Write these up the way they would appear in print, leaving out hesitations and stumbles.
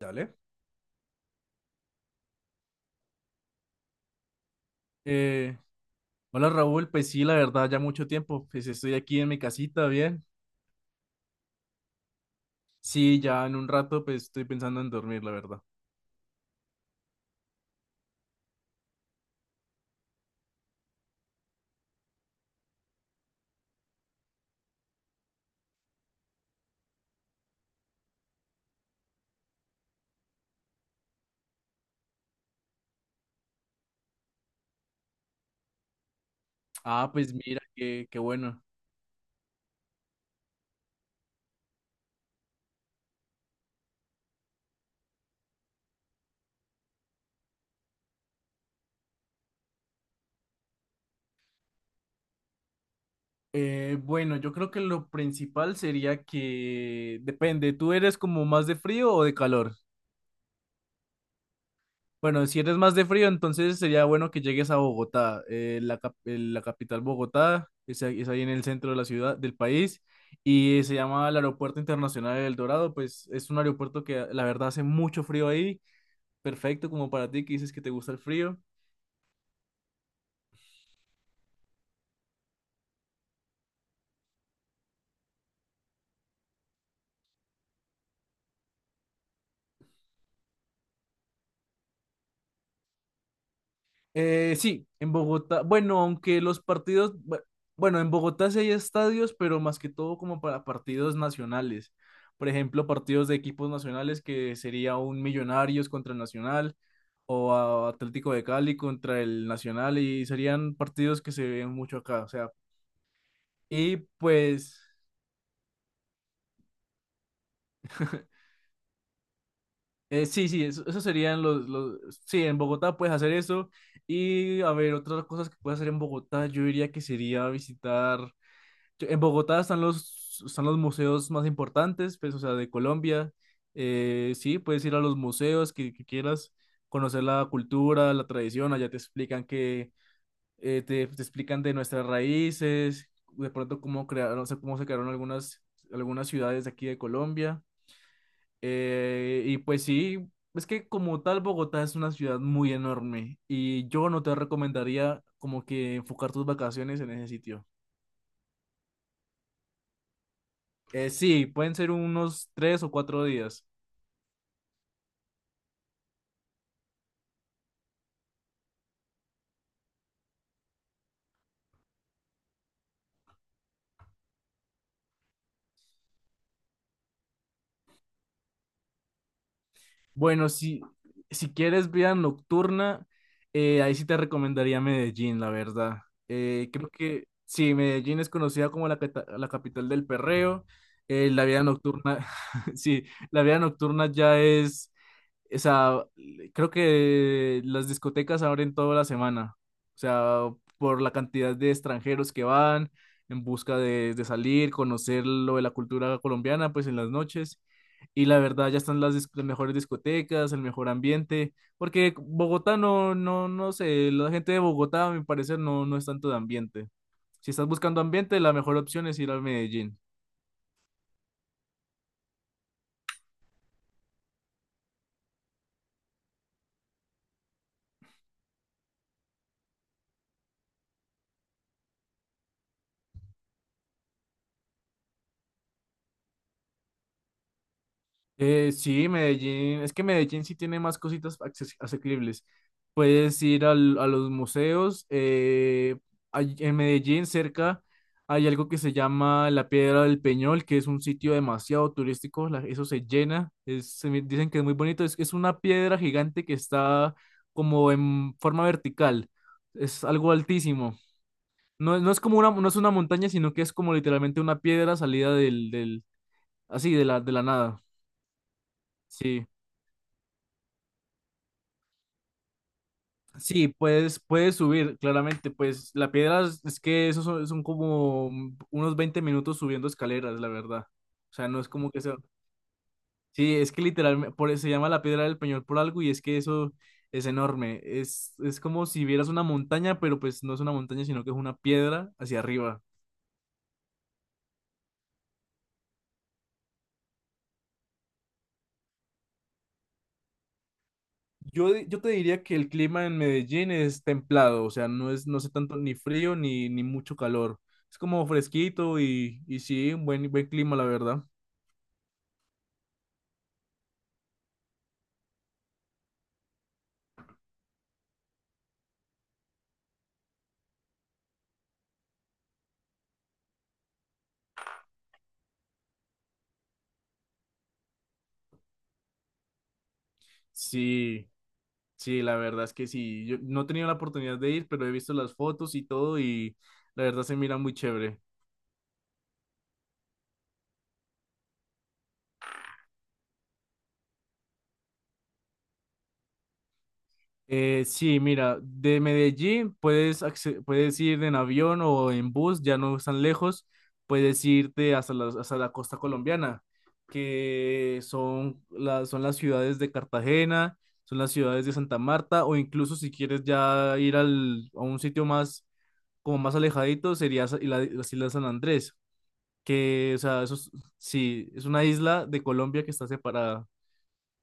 Dale. Eh, Hola Raúl, pues sí, la verdad, ya mucho tiempo, pues estoy aquí en mi casita, bien. Sí, ya en un rato, pues estoy pensando en dormir, la verdad. Ah, pues mira, qué bueno. Bueno, yo creo que lo principal sería que depende, ¿tú eres como más de frío o de calor? Bueno, si eres más de frío, entonces sería bueno que llegues a Bogotá, la capital Bogotá, es ahí en el centro de la ciudad, del país, y se llama el Aeropuerto Internacional del Dorado. Pues es un aeropuerto que la verdad hace mucho frío ahí, perfecto como para ti que dices que te gusta el frío. Sí, en Bogotá, bueno, aunque los partidos, bueno, en Bogotá sí hay estadios, pero más que todo como para partidos nacionales. Por ejemplo, partidos de equipos nacionales que sería un Millonarios contra el Nacional o Atlético de Cali contra el Nacional, y serían partidos que se ven mucho acá, o sea, y pues sí, sí, eso serían sí, en Bogotá puedes hacer eso. Y a ver, otras cosas que puedes hacer en Bogotá, yo diría que sería visitar. En Bogotá están los museos más importantes, pues, o sea, de Colombia. Sí, puedes ir a los museos que quieras, conocer la cultura, la tradición, allá te explican que te explican de nuestras raíces, de pronto cómo crearon, o sea, cómo se crearon algunas ciudades de aquí de Colombia. Y pues sí, es que como tal Bogotá es una ciudad muy enorme y yo no te recomendaría como que enfocar tus vacaciones en ese sitio. Sí, pueden ser unos 3 o 4 días. Bueno, si quieres vida nocturna, ahí sí te recomendaría Medellín, la verdad. Creo que sí, Medellín es conocida como la capital del perreo. La vida nocturna, sí, la vida nocturna ya es. O sea, creo que las discotecas abren toda la semana. O sea, por la cantidad de extranjeros que van en busca de salir, conocer lo de la cultura colombiana, pues en las noches. Y la verdad, ya están las mejores discotecas, el mejor ambiente, porque Bogotá no sé, la gente de Bogotá, a mi parecer, no es tanto de ambiente. Si estás buscando ambiente, la mejor opción es ir a Medellín. Sí, Medellín, es que Medellín sí tiene más cositas asequibles. Puedes ir a los museos. En Medellín, cerca, hay algo que se llama la Piedra del Peñol, que es un sitio demasiado turístico. Eso se llena. Dicen que es muy bonito. Es una piedra gigante que está como en forma vertical. Es algo altísimo. No, no es no es una montaña, sino que es como literalmente una piedra salida así, de la nada. Sí. Sí, puedes subir, claramente, pues la piedra es que esos son como unos 20 minutos subiendo escaleras, la verdad. O sea, no es como que sea... Sí, es que literalmente, por eso se llama la piedra del Peñol por algo, y es que eso es enorme. Es como si vieras una montaña, pero pues no es una montaña, sino que es una piedra hacia arriba. Yo te diría que el clima en Medellín es templado, o sea, no es, no hace tanto ni frío ni mucho calor. Es como fresquito, y sí, un buen clima, la verdad. Sí. Sí, la verdad es que sí. Yo no he tenido la oportunidad de ir, pero he visto las fotos y todo, y la verdad se mira muy chévere. Sí, mira, de Medellín puedes ir en avión o en bus, ya no están lejos, puedes irte hasta la costa colombiana, que son las ciudades de Cartagena, son las ciudades de Santa Marta, o incluso si quieres ya ir a un sitio más, como más alejadito, sería las Islas San Andrés. Que, o sea, sí, es una isla de Colombia que está separada.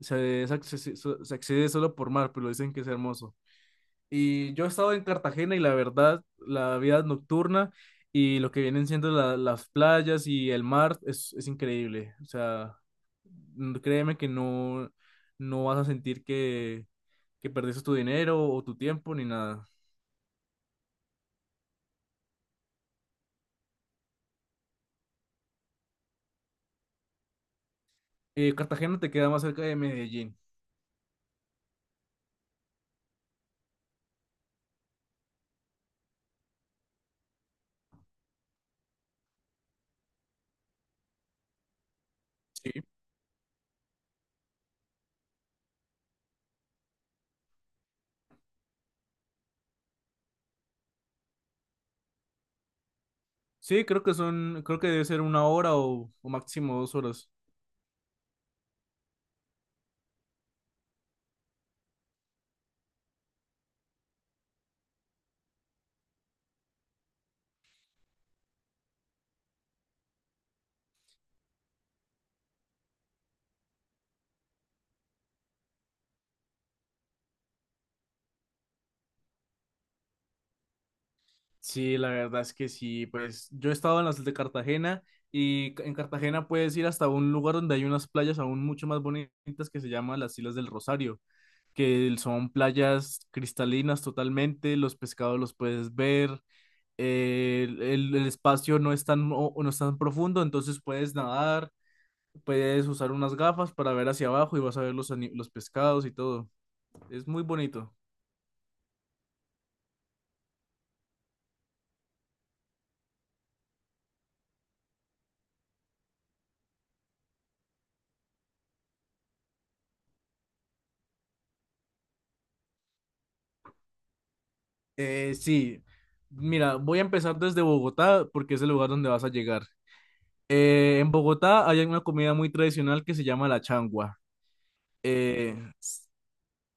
Se, es accesi- so- Se accede solo por mar, pero dicen que es hermoso. Y yo he estado en Cartagena y la verdad, la vida nocturna y lo que vienen siendo las playas y el mar es increíble. O sea, créeme que no, no vas a sentir que perdiste tu dinero o tu tiempo ni nada. Cartagena te queda más cerca de Medellín. Sí. Sí, creo que debe ser una hora o máximo 2 horas. Sí, la verdad es que sí, pues yo he estado en las de Cartagena y en Cartagena puedes ir hasta un lugar donde hay unas playas aún mucho más bonitas que se llaman las Islas del Rosario, que son playas cristalinas totalmente, los pescados los puedes ver. El espacio no es tan, no es tan profundo, entonces puedes nadar, puedes usar unas gafas para ver hacia abajo, y vas a ver los pescados y todo. Es muy bonito. Sí, mira, voy a empezar desde Bogotá porque es el lugar donde vas a llegar. En Bogotá hay una comida muy tradicional que se llama la changua. Eh,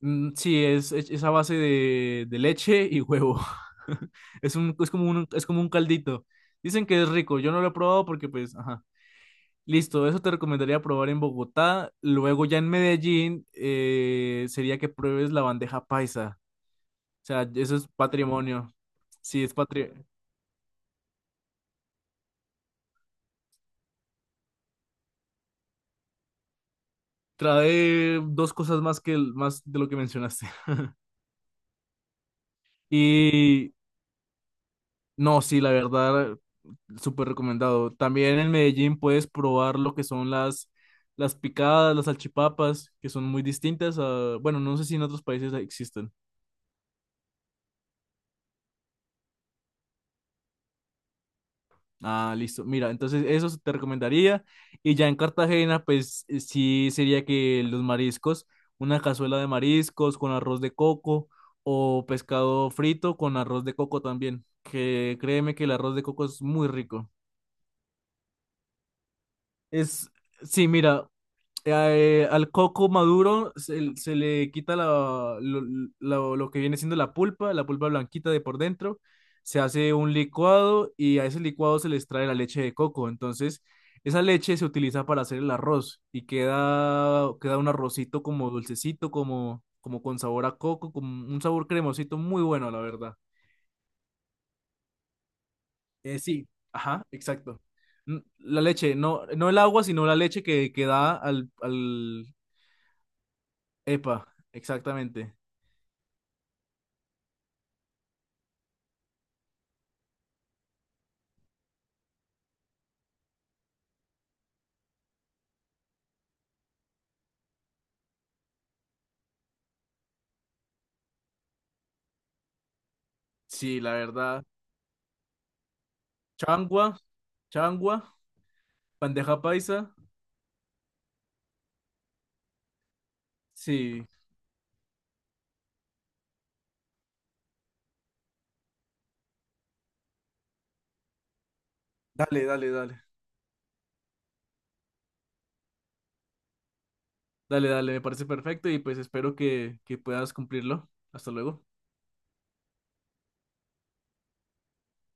sí, es a base de leche y huevo. Es como un caldito. Dicen que es rico, yo no lo he probado porque pues, ajá. Listo, eso te recomendaría probar en Bogotá. Luego ya en Medellín, sería que pruebes la bandeja paisa. O sea, eso es patrimonio. Sí, es patrimonio. Trae dos cosas más que más de lo que mencionaste. Y no, sí, la verdad, súper recomendado. También en Medellín puedes probar lo que son las picadas, las salchipapas, que son muy distintas a, bueno, no sé si en otros países existen. Ah, listo. Mira, entonces eso te recomendaría. Y ya en Cartagena, pues sí, sería que los mariscos, una cazuela de mariscos con arroz de coco, o pescado frito con arroz de coco también, que créeme que el arroz de coco es muy rico. Es, sí, mira, al coco maduro se le quita lo que viene siendo la pulpa blanquita de por dentro, se hace un licuado y a ese licuado se le extrae la leche de coco. Entonces, esa leche se utiliza para hacer el arroz y queda un arrocito como dulcecito, como con sabor a coco, con un sabor cremosito muy bueno, la verdad. Sí, ajá, exacto. La leche, no, no el agua, sino la leche que da al... Epa, exactamente. Sí, la verdad. Changua, changua, bandeja paisa. Sí, dale, dale, dale. Dale, dale, me parece perfecto y pues espero que puedas cumplirlo. Hasta luego.